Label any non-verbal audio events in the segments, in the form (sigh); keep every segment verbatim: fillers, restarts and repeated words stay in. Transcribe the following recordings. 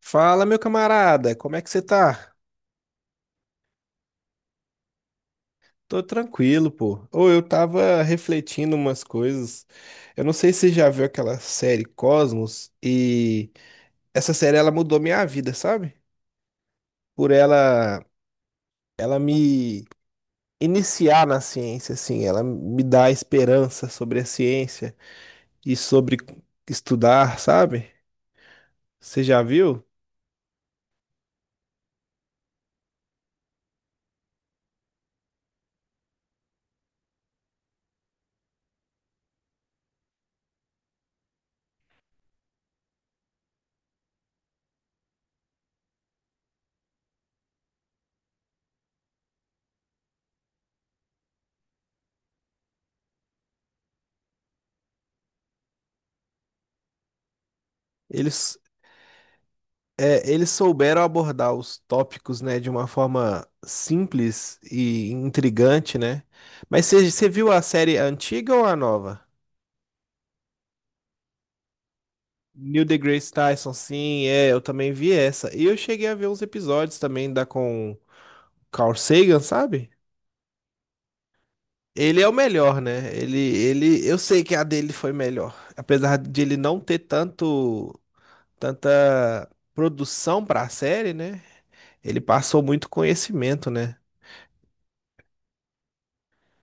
Fala, meu camarada, como é que você tá? Tô tranquilo, pô. Ou eu tava refletindo umas coisas. Eu não sei se você já viu aquela série Cosmos e essa série ela mudou minha vida, sabe? Por ela ela me iniciar na ciência assim, ela me dá esperança sobre a ciência e sobre estudar, sabe? Você já viu? Eles É, eles souberam abordar os tópicos, né, de uma forma simples e intrigante, né? Mas você você viu a série antiga ou a nova? Neil deGrasse Tyson, sim, é, eu também vi essa. E eu cheguei a ver uns episódios também da com Carl Sagan, sabe? Ele é o melhor, né? Ele, ele, eu sei que a dele foi melhor, apesar de ele não ter tanto, tanta produção pra série, né? Ele passou muito conhecimento, né?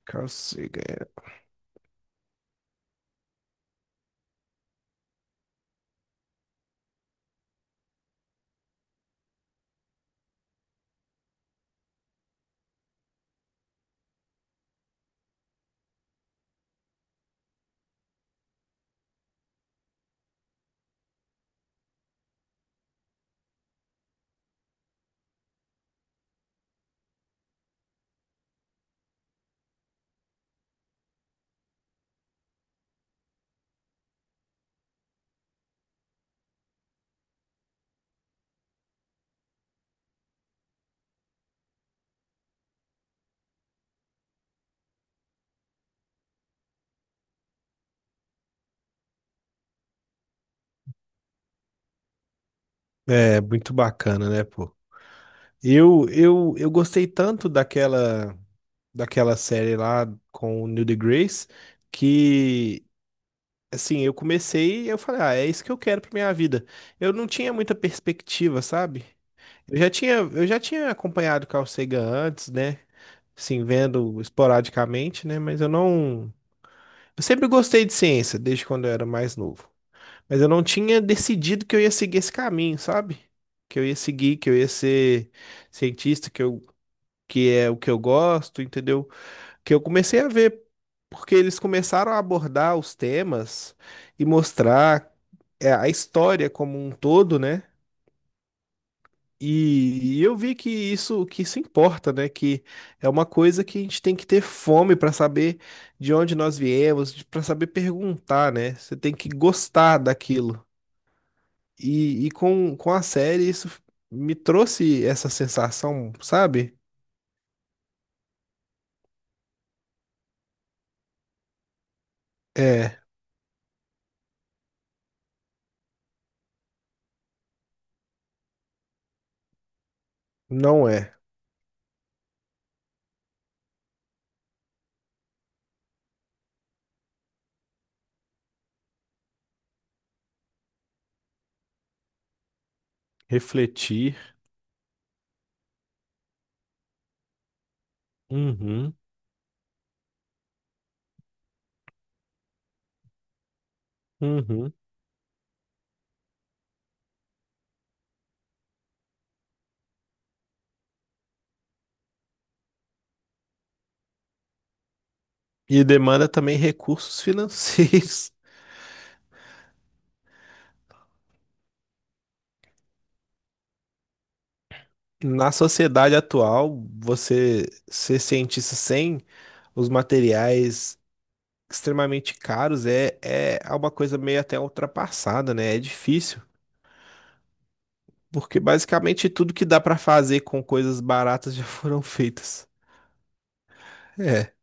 Carl Sagan. É, muito bacana, né, pô? Eu, eu, eu gostei tanto daquela, daquela série lá com o Neil deGrasse que, assim, eu comecei e eu falei, ah, é isso que eu quero pra minha vida. Eu não tinha muita perspectiva, sabe? Eu já tinha, eu já tinha acompanhado Carl Sagan antes, né? Assim, vendo esporadicamente, né? Mas eu não. Eu sempre gostei de ciência, desde quando eu era mais novo. Mas eu não tinha decidido que eu ia seguir esse caminho, sabe? Que eu ia seguir, que eu ia ser cientista, que eu, que é o que eu gosto, entendeu? Que eu comecei a ver, porque eles começaram a abordar os temas e mostrar é, a história como um todo, né? E, e eu vi que isso, que isso importa, né? Que é uma coisa que a gente tem que ter fome para saber de onde nós viemos, para saber perguntar, né? Você tem que gostar daquilo. E, e com, com a série, isso me trouxe essa sensação, sabe? É, não é. Refletir. Uhum, uhum. E demanda também recursos financeiros. (laughs) Na sociedade atual, você ser cientista sem os materiais extremamente caros é, é é uma coisa meio até ultrapassada, né? É difícil. Porque basicamente tudo que dá pra fazer com coisas baratas (laughs) já foram feitas. É.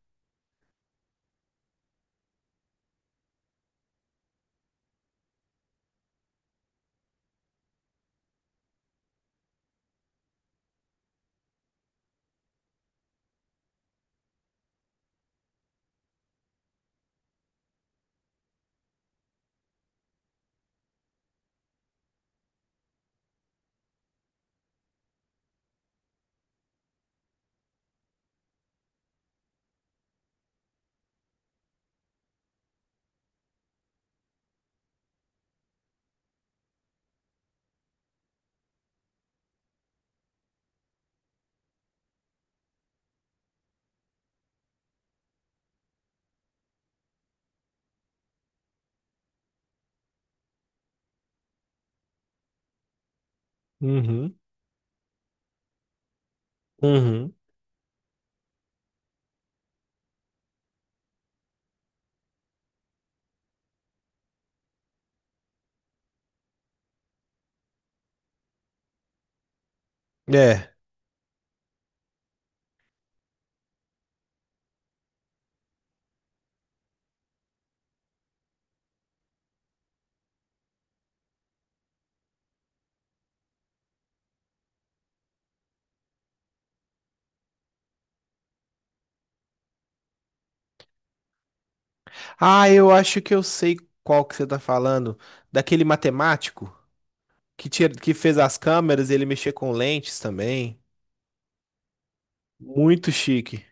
Uhum. Uhum. É. Ah, eu acho que eu sei qual que você tá falando. Daquele matemático que, tira, que fez as câmeras, ele mexia com lentes também. Muito chique.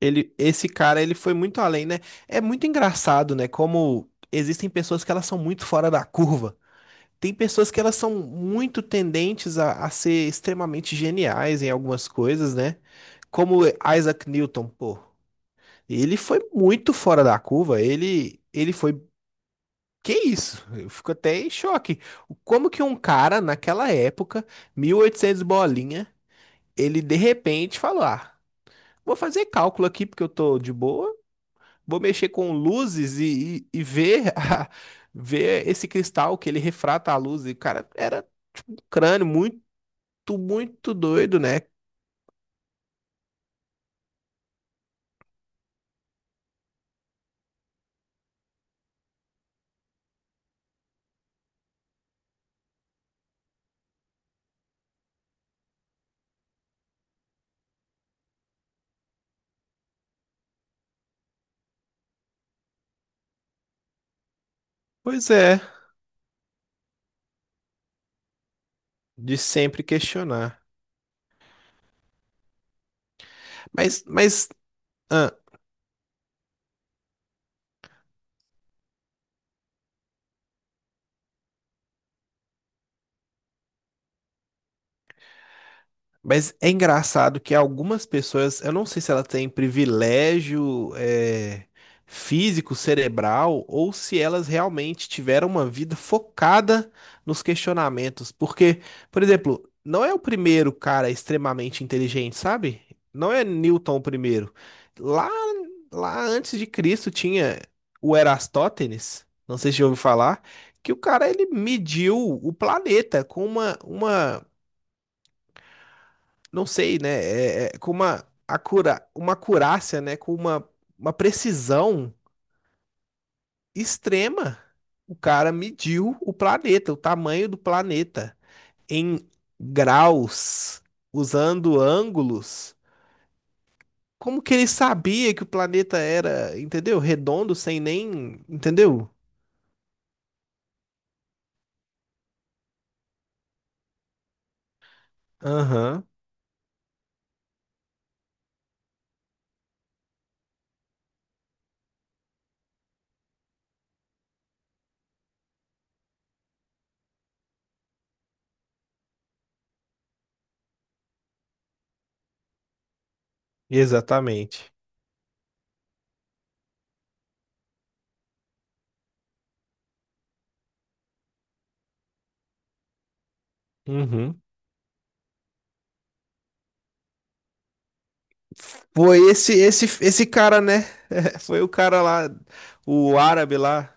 Ele, esse cara, ele foi muito além, né? É muito engraçado, né? Como existem pessoas que elas são muito fora da curva. Tem pessoas que elas são muito tendentes a, a ser extremamente geniais em algumas coisas, né? Como Isaac Newton, pô. Ele foi muito fora da curva. Ele, ele foi Que isso? Eu fico até em choque. Como que um cara, naquela época, mil e oitocentos bolinha, ele de repente falou: Ah, vou fazer cálculo aqui porque eu tô de boa, vou mexer com luzes e, e, e ver, (laughs) a- ver esse cristal que ele refrata a luz. E, cara, era um crânio muito, muito doido, né? Pois é, de sempre questionar. Mas, mas, ah, Mas é engraçado que algumas pessoas, eu não sei se ela tem privilégio é, físico, cerebral, ou se elas realmente tiveram uma vida focada nos questionamentos. Porque, por exemplo, não é o primeiro cara extremamente inteligente, sabe? Não é Newton o primeiro. Lá, lá antes de Cristo tinha o Erastótenes, não sei se já ouviu falar, que o cara ele mediu o planeta com uma, uma não sei, né? É, é, com uma, acura, uma acurácia, né? Com uma, uma precisão extrema. O cara mediu o planeta, o tamanho do planeta, em graus, usando ângulos. Como que ele sabia que o planeta era, entendeu? Redondo, sem nem. Entendeu? Aham, exatamente. Uhum. Foi esse, esse, esse cara, né? (laughs) Foi o cara lá, o árabe lá.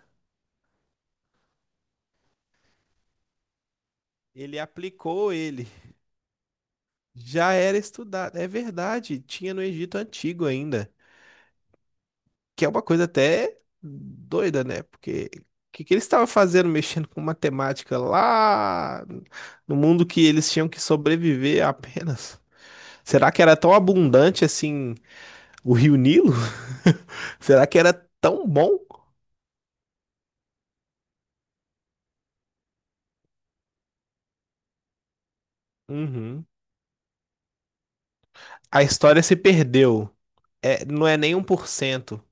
Ele aplicou ele. Já era estudado. É verdade, tinha no Egito Antigo ainda. Que é uma coisa até doida, né? Porque o que, que eles estavam fazendo mexendo com matemática lá no mundo que eles tinham que sobreviver apenas? Será que era tão abundante assim o Rio Nilo? (laughs) Será que era tão bom? Uhum. A história se perdeu. É, não é nem um por cento.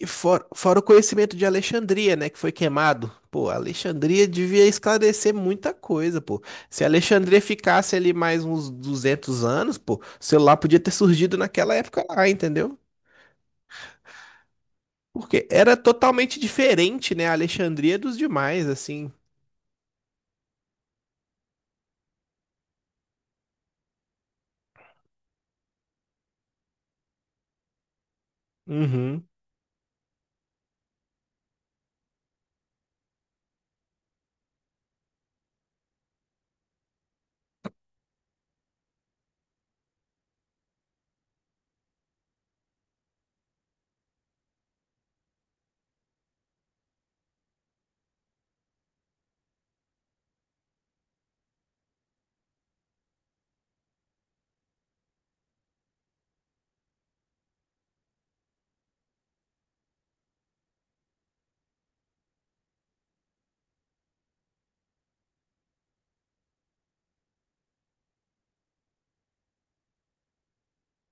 E fora, fora o conhecimento de Alexandria, né, que foi queimado. Pô, Alexandria devia esclarecer muita coisa, pô. Se Alexandria ficasse ali mais uns duzentos anos, pô, o celular podia ter surgido naquela época lá, entendeu? Porque era totalmente diferente, né, a Alexandria dos demais, assim. Uhum.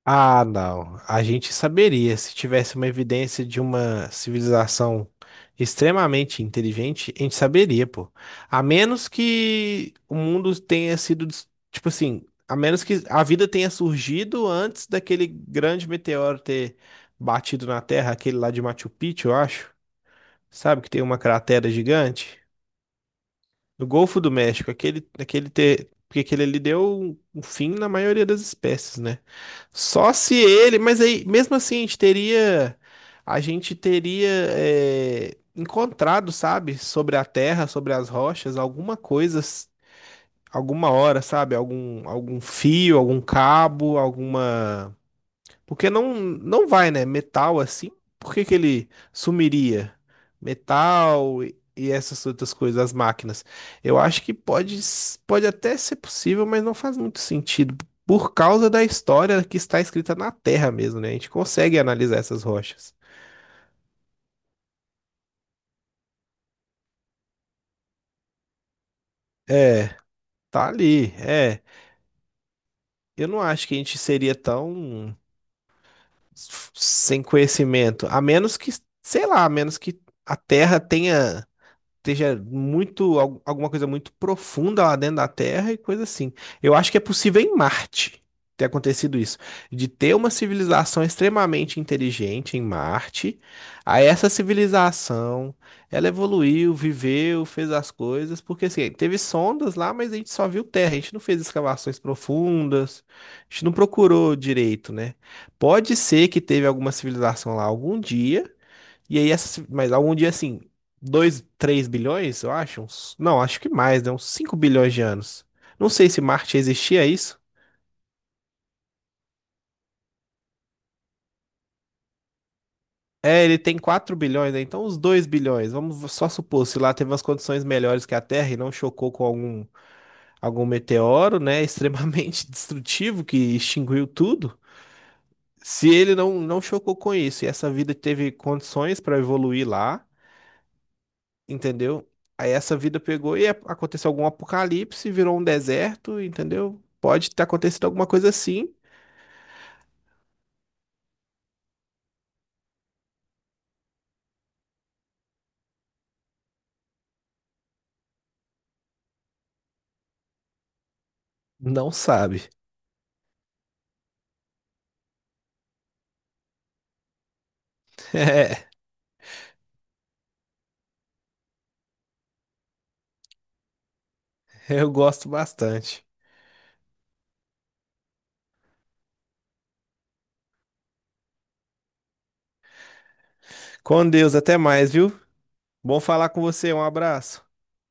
Ah, não. A gente saberia se tivesse uma evidência de uma civilização extremamente inteligente, a gente saberia, pô. A menos que o mundo tenha sido, des- tipo assim, a menos que a vida tenha surgido antes daquele grande meteoro ter batido na Terra, aquele lá de Machu Picchu, eu acho. Sabe que tem uma cratera gigante? No Golfo do México, aquele, aquele ter, porque aquele ali deu um um fim na maioria das espécies, né? Só se ele, mas aí, mesmo assim, a gente teria, a gente teria é, encontrado, sabe, sobre a terra, sobre as rochas, alguma coisa, s- alguma hora, sabe? Algum, algum fio, algum cabo, alguma porque não, não vai, né? Metal assim, por que que ele sumiria? Metal e e essas outras coisas, as máquinas. Eu acho que pode, s- pode até ser possível, mas não faz muito sentido. Por causa da história que está escrita na Terra mesmo, né? A gente consegue analisar essas rochas. É, tá ali, é. Eu não acho que a gente seria tão s- sem conhecimento, a menos que, sei lá, a menos que a Terra tenha. Esteja muito, al- alguma coisa muito profunda lá dentro da Terra e coisa assim. Eu acho que é possível em Marte ter acontecido isso, de ter uma civilização extremamente inteligente em Marte, aí essa civilização, ela evoluiu, viveu, fez as coisas, porque assim, teve sondas lá, mas a gente só viu terra, a gente não fez escavações profundas, a gente não procurou direito, né? Pode ser que teve alguma civilização lá algum dia, e aí, essas, mas algum dia assim, dois três bilhões, eu acho? uns- não, acho que mais, né? Uns cinco bilhões de anos. Não sei se Marte existia é isso. É, ele tem quatro bilhões, né? Então uns dois bilhões. Vamos só supor, se lá teve umas condições melhores que a Terra e não chocou com algum, algum meteoro, né? Extremamente (laughs) destrutivo que extinguiu tudo. Se ele não, não chocou com isso e essa vida teve condições para evoluir lá. Entendeu? Aí essa vida pegou e aconteceu algum apocalipse, virou um deserto, entendeu? Pode ter acontecido alguma coisa assim, não sabe. (laughs) É, eu gosto bastante. Com Deus, até mais, viu? Bom falar com você, um abraço.